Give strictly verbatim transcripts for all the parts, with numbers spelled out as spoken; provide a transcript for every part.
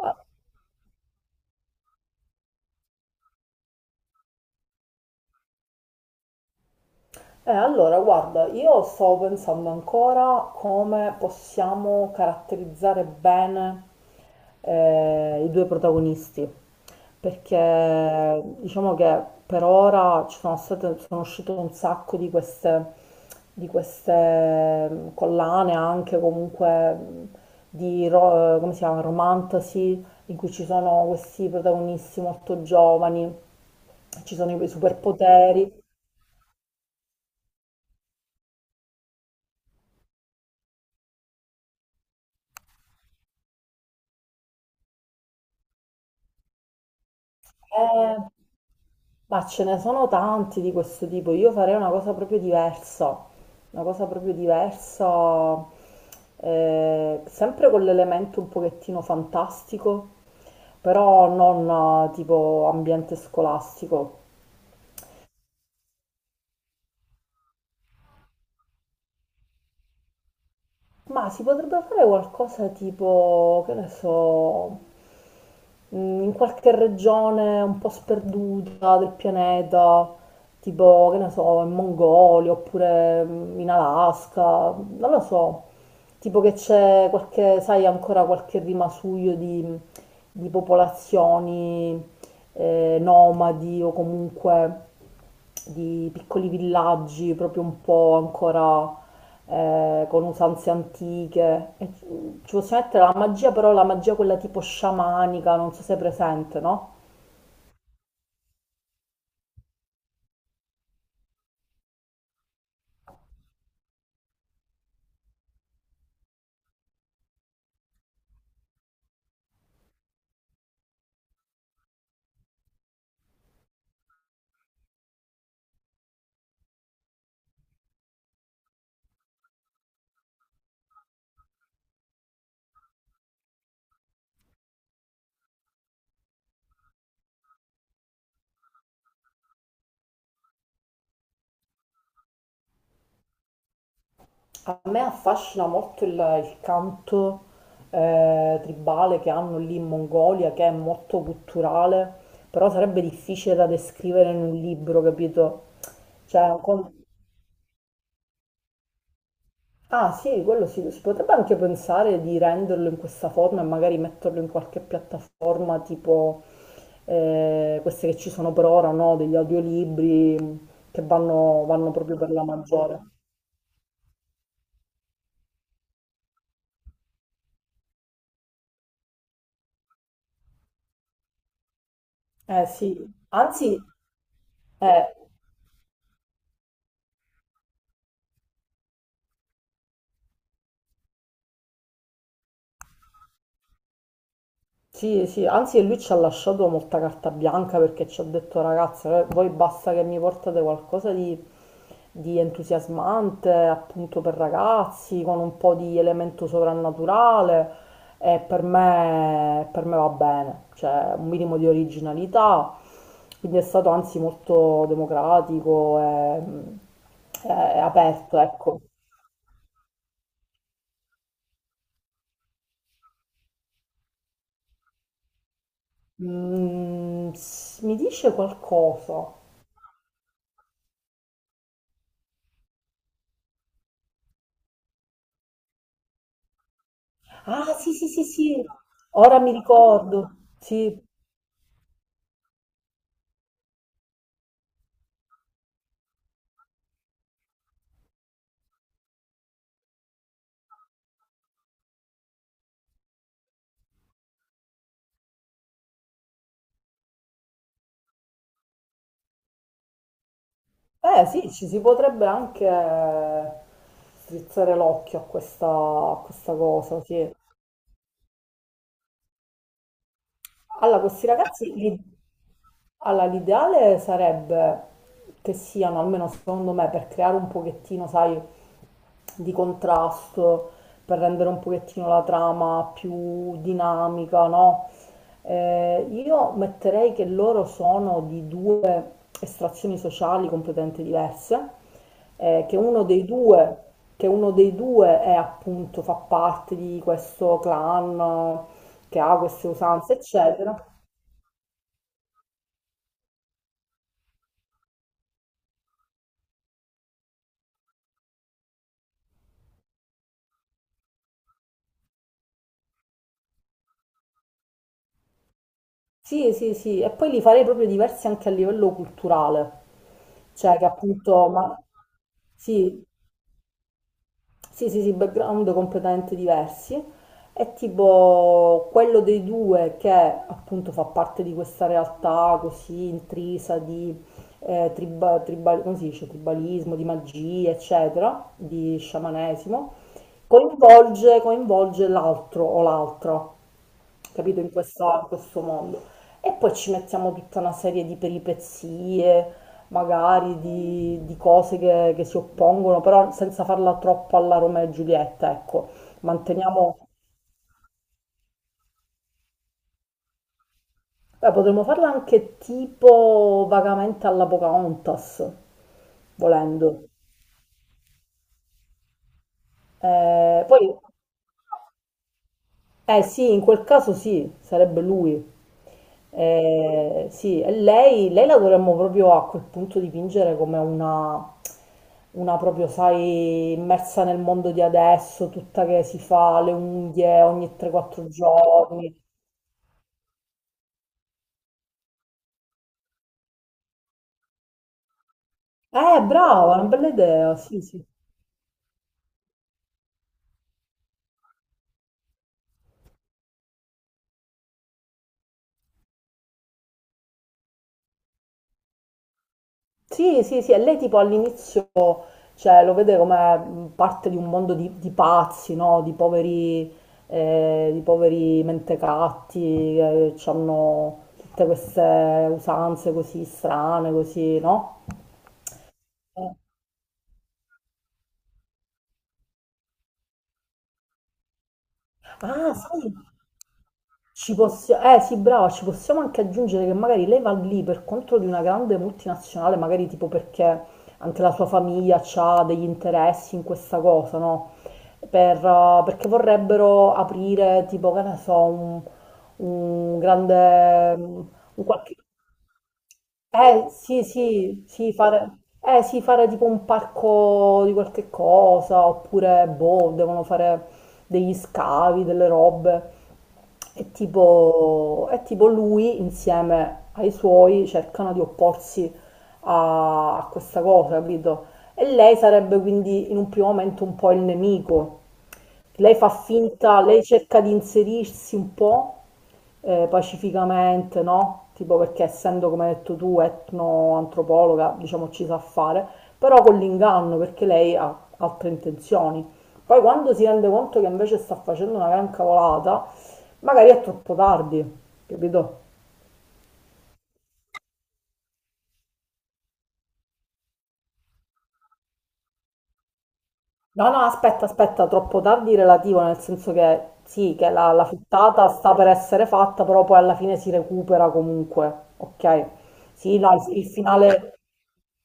Eh, allora, guarda, io sto pensando ancora come possiamo caratterizzare bene eh, i due protagonisti, perché diciamo che per ora ci sono state, sono uscite un sacco di queste, di queste mh, collane, anche comunque mh, di ro- eh, come si chiama, romantasy, in cui ci sono questi protagonisti molto giovani, ci sono i superpoteri. Eh, Ma ce ne sono tanti di questo tipo, io farei una cosa proprio diversa, una cosa proprio diversa, eh, sempre con l'elemento un pochettino fantastico, però non eh, tipo ambiente scolastico. Ma si potrebbe fare qualcosa tipo, che ne so, mh, in qualche regione un po' sperduta del pianeta, tipo, che ne so, in Mongolia oppure mh, in Alaska, non lo so, tipo che c'è qualche, sai, ancora qualche rimasuglio di, di popolazioni eh, nomadi o comunque di piccoli villaggi proprio un po' ancora eh, con usanze antiche. E ci ci possiamo mettere la magia, però la magia quella tipo sciamanica, non so se è presente, no? A me affascina molto il, il canto eh, tribale che hanno lì in Mongolia, che è molto culturale, però sarebbe difficile da descrivere in un libro, capito? Cioè, è un con- Ah sì, quello sì, si potrebbe anche pensare di renderlo in questa forma e magari metterlo in qualche piattaforma tipo eh, queste che ci sono per ora, no? Degli audiolibri che vanno, vanno proprio per la maggiore. Eh sì, anzi, eh, sì, sì, anzi lui ci ha lasciato molta carta bianca perché ci ha detto ragazze, eh, voi basta che mi portate qualcosa di, di entusiasmante, appunto per ragazzi, con un po' di elemento sovrannaturale e per me, per me va bene, cioè un minimo di originalità, quindi è stato anzi molto democratico e, e aperto, ecco. Mm, s- mi dice qualcosa? Ah, sì, sì, sì, sì, ora mi ricordo. Sì, eh, sì, ci si potrebbe anche strizzare l'occhio a questa, a questa cosa, sì. Allora, questi ragazzi, l'i- allora, l'ideale sarebbe che siano, almeno secondo me, per creare un pochettino, sai, di contrasto, per rendere un pochettino la trama più dinamica, no? Eh, io metterei che loro sono di due estrazioni sociali completamente diverse, eh, che uno dei due, che uno dei due è appunto, fa parte di questo clan che ha queste usanze, eccetera. Sì, sì, sì, e poi li farei proprio diversi anche a livello culturale, cioè che appunto, ma sì, sì, sì, sì, background completamente diversi. È tipo quello dei due che appunto fa parte di questa realtà così intrisa di eh, triba- tribal- come si dice? Tribalismo, di magia, eccetera, di sciamanesimo, coinvolge, coinvolge l'altro o l'altra. Capito? In questo, in questo mondo. E poi ci mettiamo tutta una serie di peripezie, magari di, di cose che, che si oppongono, però senza farla troppo alla Romeo e Giulietta, ecco. Manteniamo, eh, potremmo farla anche tipo vagamente alla Pocahontas, volendo. Eh, poi eh sì, in quel caso sì, sarebbe lui. Eh, sì, e lei, lei la dovremmo proprio a quel punto dipingere come una, una proprio, sai, immersa nel mondo di adesso, tutta che si fa le unghie ogni tre quattro giorni. Eh, brava, una bella idea, sì, sì. Sì, sì, sì, e lei tipo all'inizio cioè, lo vede come mh, parte di un mondo di, di pazzi, no? Di poveri, eh, di poveri mentecatti che hanno tutte queste usanze così strane, così, no? Eh, ah, sai, ci possiamo, eh sì, brava, ci possiamo anche aggiungere che magari lei va lì per conto di una grande multinazionale, magari tipo perché anche la sua famiglia ha degli interessi in questa cosa, no? Per, eh, perché vorrebbero aprire tipo, che ne so, un, un grande, un qualche eh sì, sì, sì, fare, eh, sì, fare tipo un parco di qualche cosa, oppure boh, devono fare degli scavi, delle robe. E tipo, e tipo lui insieme ai suoi cercano di opporsi a, a questa cosa, capito? E lei sarebbe quindi in un primo momento un po' il nemico. Lei fa finta, lei cerca di inserirsi un po' eh, pacificamente, no? Tipo perché essendo, come hai detto tu, etnoantropologa, diciamo ci sa fare, però con l'inganno perché lei ha altre intenzioni. Poi quando si rende conto che invece sta facendo una gran cavolata, magari è troppo tardi, capito? No, no, aspetta, aspetta, troppo tardi relativo, nel senso che sì, che la, la frittata sta per essere fatta, però poi alla fine si recupera comunque, ok? Sì, no, il, il finale,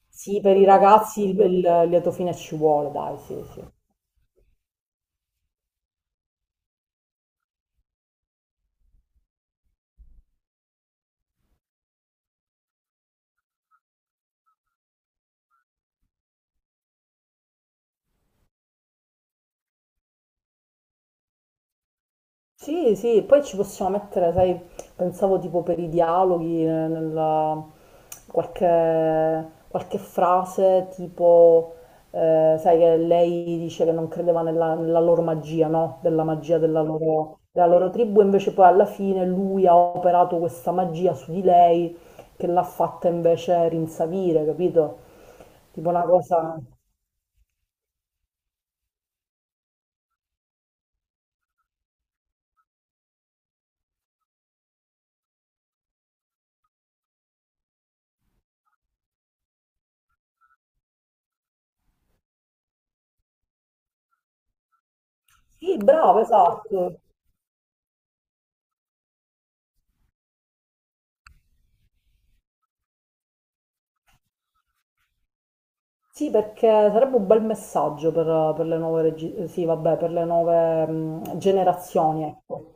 sì, per i ragazzi il, il lieto fine ci vuole, dai, sì, sì. Sì, sì, poi ci possiamo mettere, sai, pensavo tipo per i dialoghi, eh, nella- qualche, qualche frase tipo, eh, sai che lei dice che non credeva nella, nella loro magia, no? Della magia della loro, della loro tribù, invece poi alla fine lui ha operato questa magia su di lei che l'ha fatta invece rinsavire, capito? Tipo una cosa... Sì, bravo, esatto. Sì, perché sarebbe un bel messaggio per, per le nuove, regi- sì, vabbè, per le nuove mh, generazioni, ecco.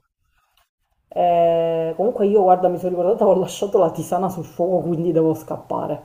Eh, comunque io, guarda, mi sono ricordata, ho lasciato la tisana sul fuoco, quindi devo scappare.